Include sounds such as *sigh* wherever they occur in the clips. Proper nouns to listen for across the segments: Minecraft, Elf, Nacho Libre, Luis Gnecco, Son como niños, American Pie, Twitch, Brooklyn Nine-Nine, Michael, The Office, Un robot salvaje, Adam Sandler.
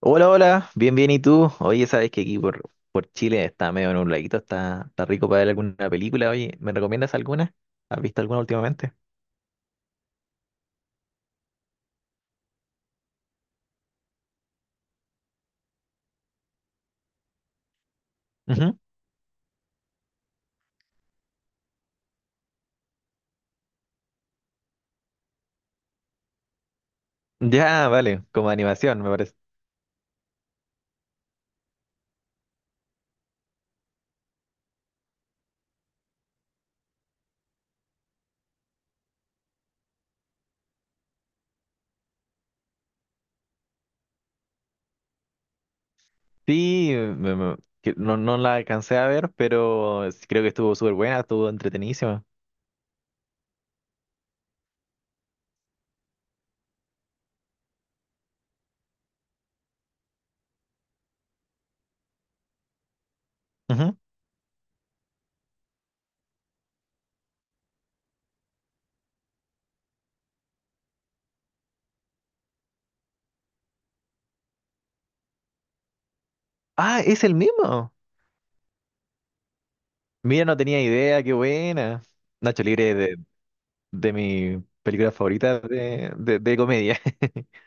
Hola, hola, bien, bien, ¿y tú? Oye, sabes que aquí por Chile está medio nubladito, está rico para ver alguna película. Oye, ¿me recomiendas alguna? ¿Has visto alguna últimamente? Ujú. Ya, vale, como animación, me parece. Sí, que no, no la alcancé a ver, pero sí creo que estuvo súper buena, estuvo entretenidísima. Ujú. Ah, es el mismo. Mira, no tenía idea, qué buena. Nacho Libre es de mi película favorita de comedia. *laughs*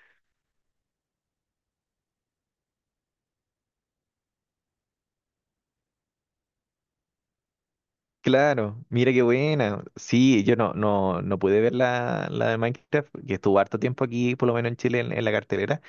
Claro, mira qué buena. Sí, yo no, no, no pude ver la de Minecraft, que estuvo harto tiempo aquí, por lo menos en Chile, en la cartelera,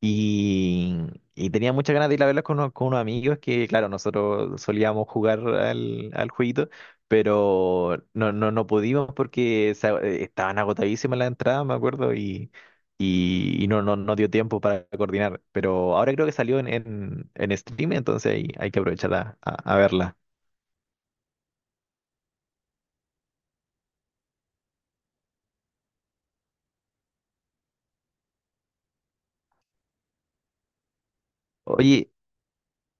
y, y tenía muchas ganas de ir a verla con, con unos amigos que, claro, nosotros solíamos jugar al jueguito, pero no, no, no pudimos porque estaban agotadísimas las entradas, me acuerdo, y no, no, no dio tiempo para coordinar. Pero ahora creo que salió en stream, entonces ahí hay que aprovechar a verla. Oye,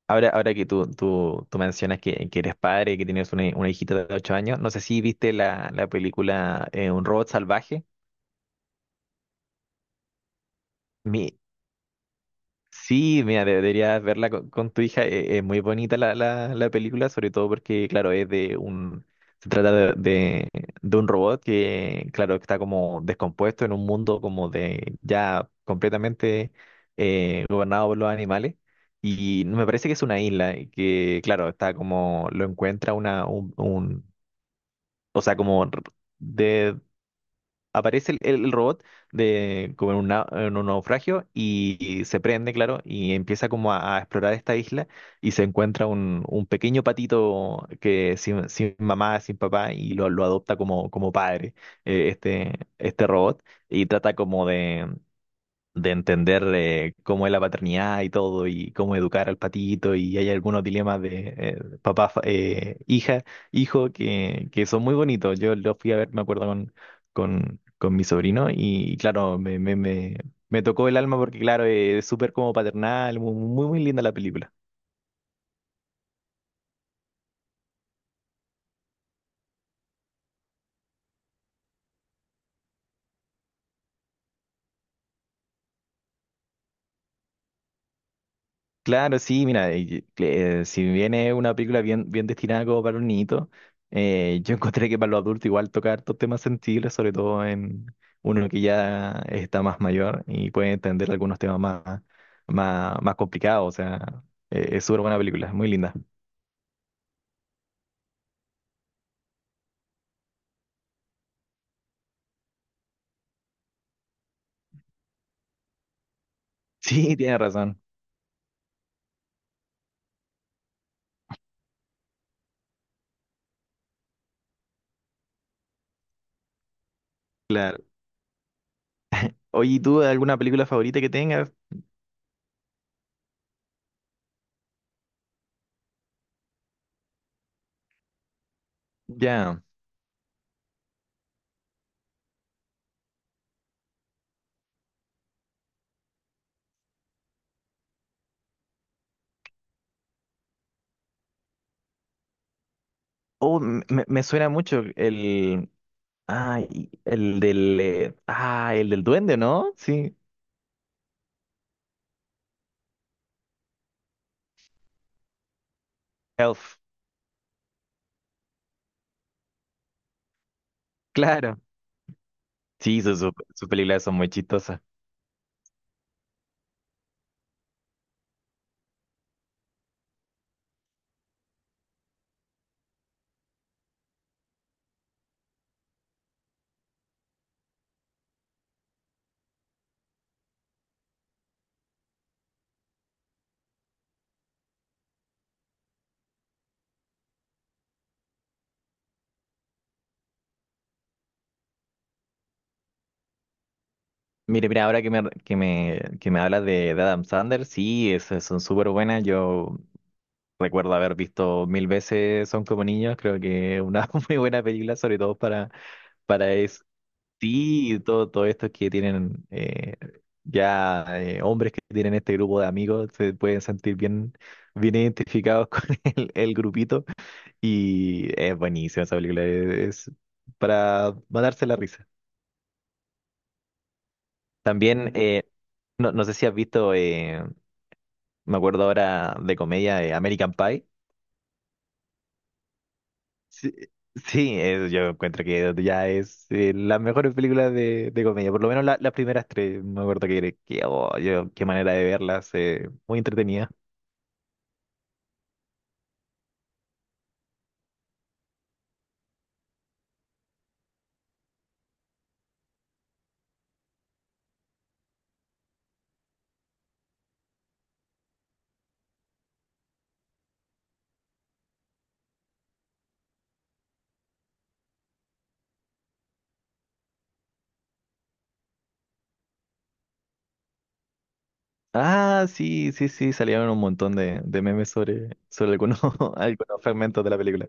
ahora que tú mencionas que eres padre, que tienes una hijita de 8 años, no sé si viste la película Un robot salvaje. Mi, Sí, mira, deberías verla con tu hija. Es muy bonita la película, sobre todo porque, claro, es de un... Se trata de un robot que, claro, está como descompuesto en un mundo como de ya completamente gobernado por los animales. Y me parece que es una isla y que, claro, está como... Lo encuentra un O sea, como de, aparece el robot de, como en un naufragio y se prende, claro, y empieza como a explorar esta isla y se encuentra un pequeño patito que sin, sin mamá, sin papá y lo adopta como, como padre, eh, este, este robot, y trata como de entender cómo es la paternidad y todo, y cómo educar al patito, y hay algunos dilemas de papá, hija, hijo, que son muy bonitos. Yo los fui a ver, me acuerdo, con mi sobrino, y, claro, me tocó el alma porque, claro, es súper como paternal, muy linda la película. Claro, sí, mira, si viene una película bien, bien destinada como para los niñitos, yo *laughs* encontré que para los adultos igual toca hartos temas sensibles, sobre todo en uno que ya está más mayor y puede entender algunos temas más complicados, o sea, es súper buena película, es muy linda. *laughs* Sí, tienes razón, claro. Oye, ¿y tú alguna película favorita que tengas? Ya. Oh, me, me suena mucho el... Ah, el del... el del duende, ¿no? Sí, Elf. Claro. Sí, su películas son muy chistosas. Mira, ahora que que me hablas de Adam Sandler, sí, esas son súper buenas. Yo recuerdo haber visto mil veces Son como niños. Creo que es una *laughs* muy buena película, sobre todo para, para es, sí, todo, todo esto que tienen ya hombres que tienen este grupo de amigos se pueden sentir bien, bien identificados *laughs* con el grupito. Y es buenísima esa película. Es para matarse la risa. También, no, no sé si has visto, me acuerdo ahora de comedia, American Pie. Sí, sí, yo encuentro que ya es las mejores películas de comedia, por lo menos las primeras tres, me acuerdo que oh, yo, qué manera de verlas, muy entretenida. Ah, sí, sí, sí, salieron un montón de memes sobre, sobre algunos, *laughs* algunos fragmentos de la película.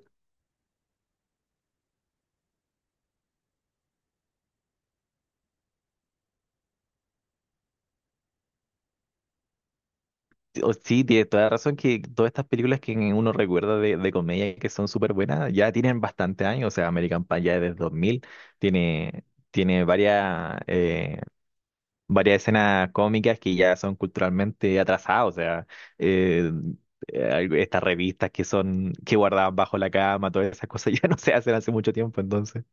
Sí, tiene toda la razón que todas estas películas que uno recuerda de comedia que son súper buenas ya tienen bastante años, o sea, American Pie ya desde 2000 tiene, tiene varias, varias escenas cómicas que ya son culturalmente atrasadas, o sea, eh, eh, estas revistas que son, que guardaban bajo la cama, todas esas cosas *laughs* ya no se hacen hace mucho tiempo, entonces.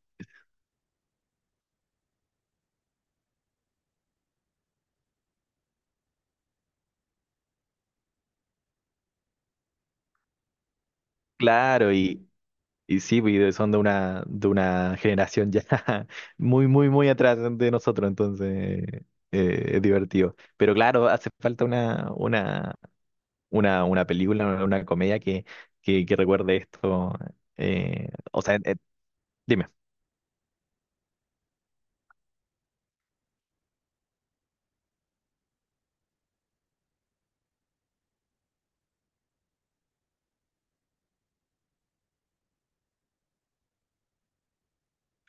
Claro, y, Y sí, güey, son de una generación ya *laughs* muy, muy, muy atrás de nosotros, entonces es divertido. Pero claro, hace falta una película, una comedia que recuerde esto. eh, o sea, eh, dime,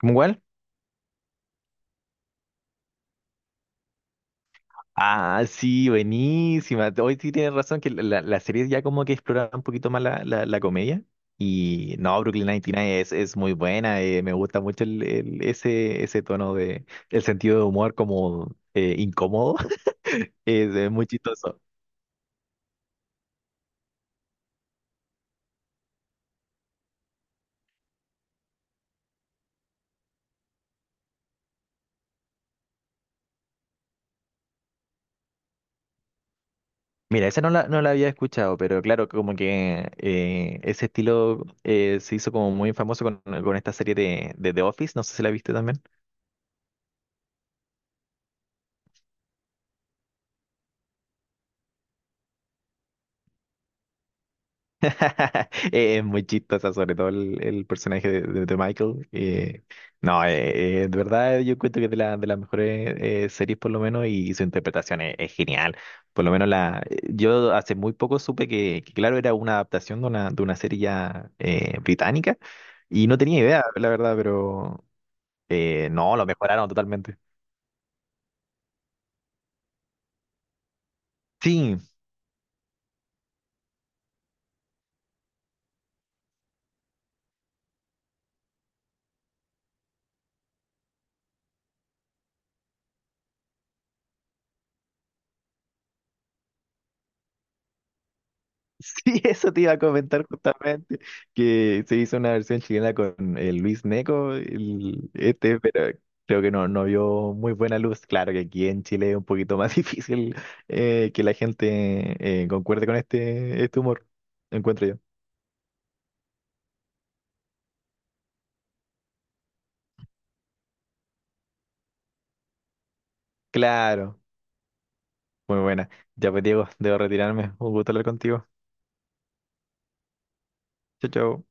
¿cómo cuál? Ah, sí, buenísima. Hoy sí tienes razón que la serie ya como que exploraba un poquito más la comedia. Y no, Brooklyn Nine-Nine es muy buena. Me gusta mucho ese, ese tono de, el sentido de humor como incómodo. *laughs* Es, muy chistoso. Mira, esa no la había escuchado, pero claro, como que ese estilo se hizo como muy famoso con esta serie de The Office. No sé si la viste también. *laughs* Es muy chistosa, sobre todo el personaje de Michael. No, De verdad yo cuento que es de, de las mejores series por lo menos y su interpretación es genial. Por lo menos yo hace muy poco supe que, claro, era una adaptación de una serie ya británica y no tenía idea, la verdad, pero no, lo mejoraron totalmente. Sí, Sí, eso te iba a comentar justamente, que se hizo una versión chilena con Luis Gnecco, el, este, pero creo que no, no vio muy buena luz. Claro que aquí en Chile es un poquito más *laughs* difícil que la gente concuerde con este, este humor, encuentro yo. Claro, muy buena. Ya pues Diego, debo retirarme. Un gusto hablar contigo. Chao, chao.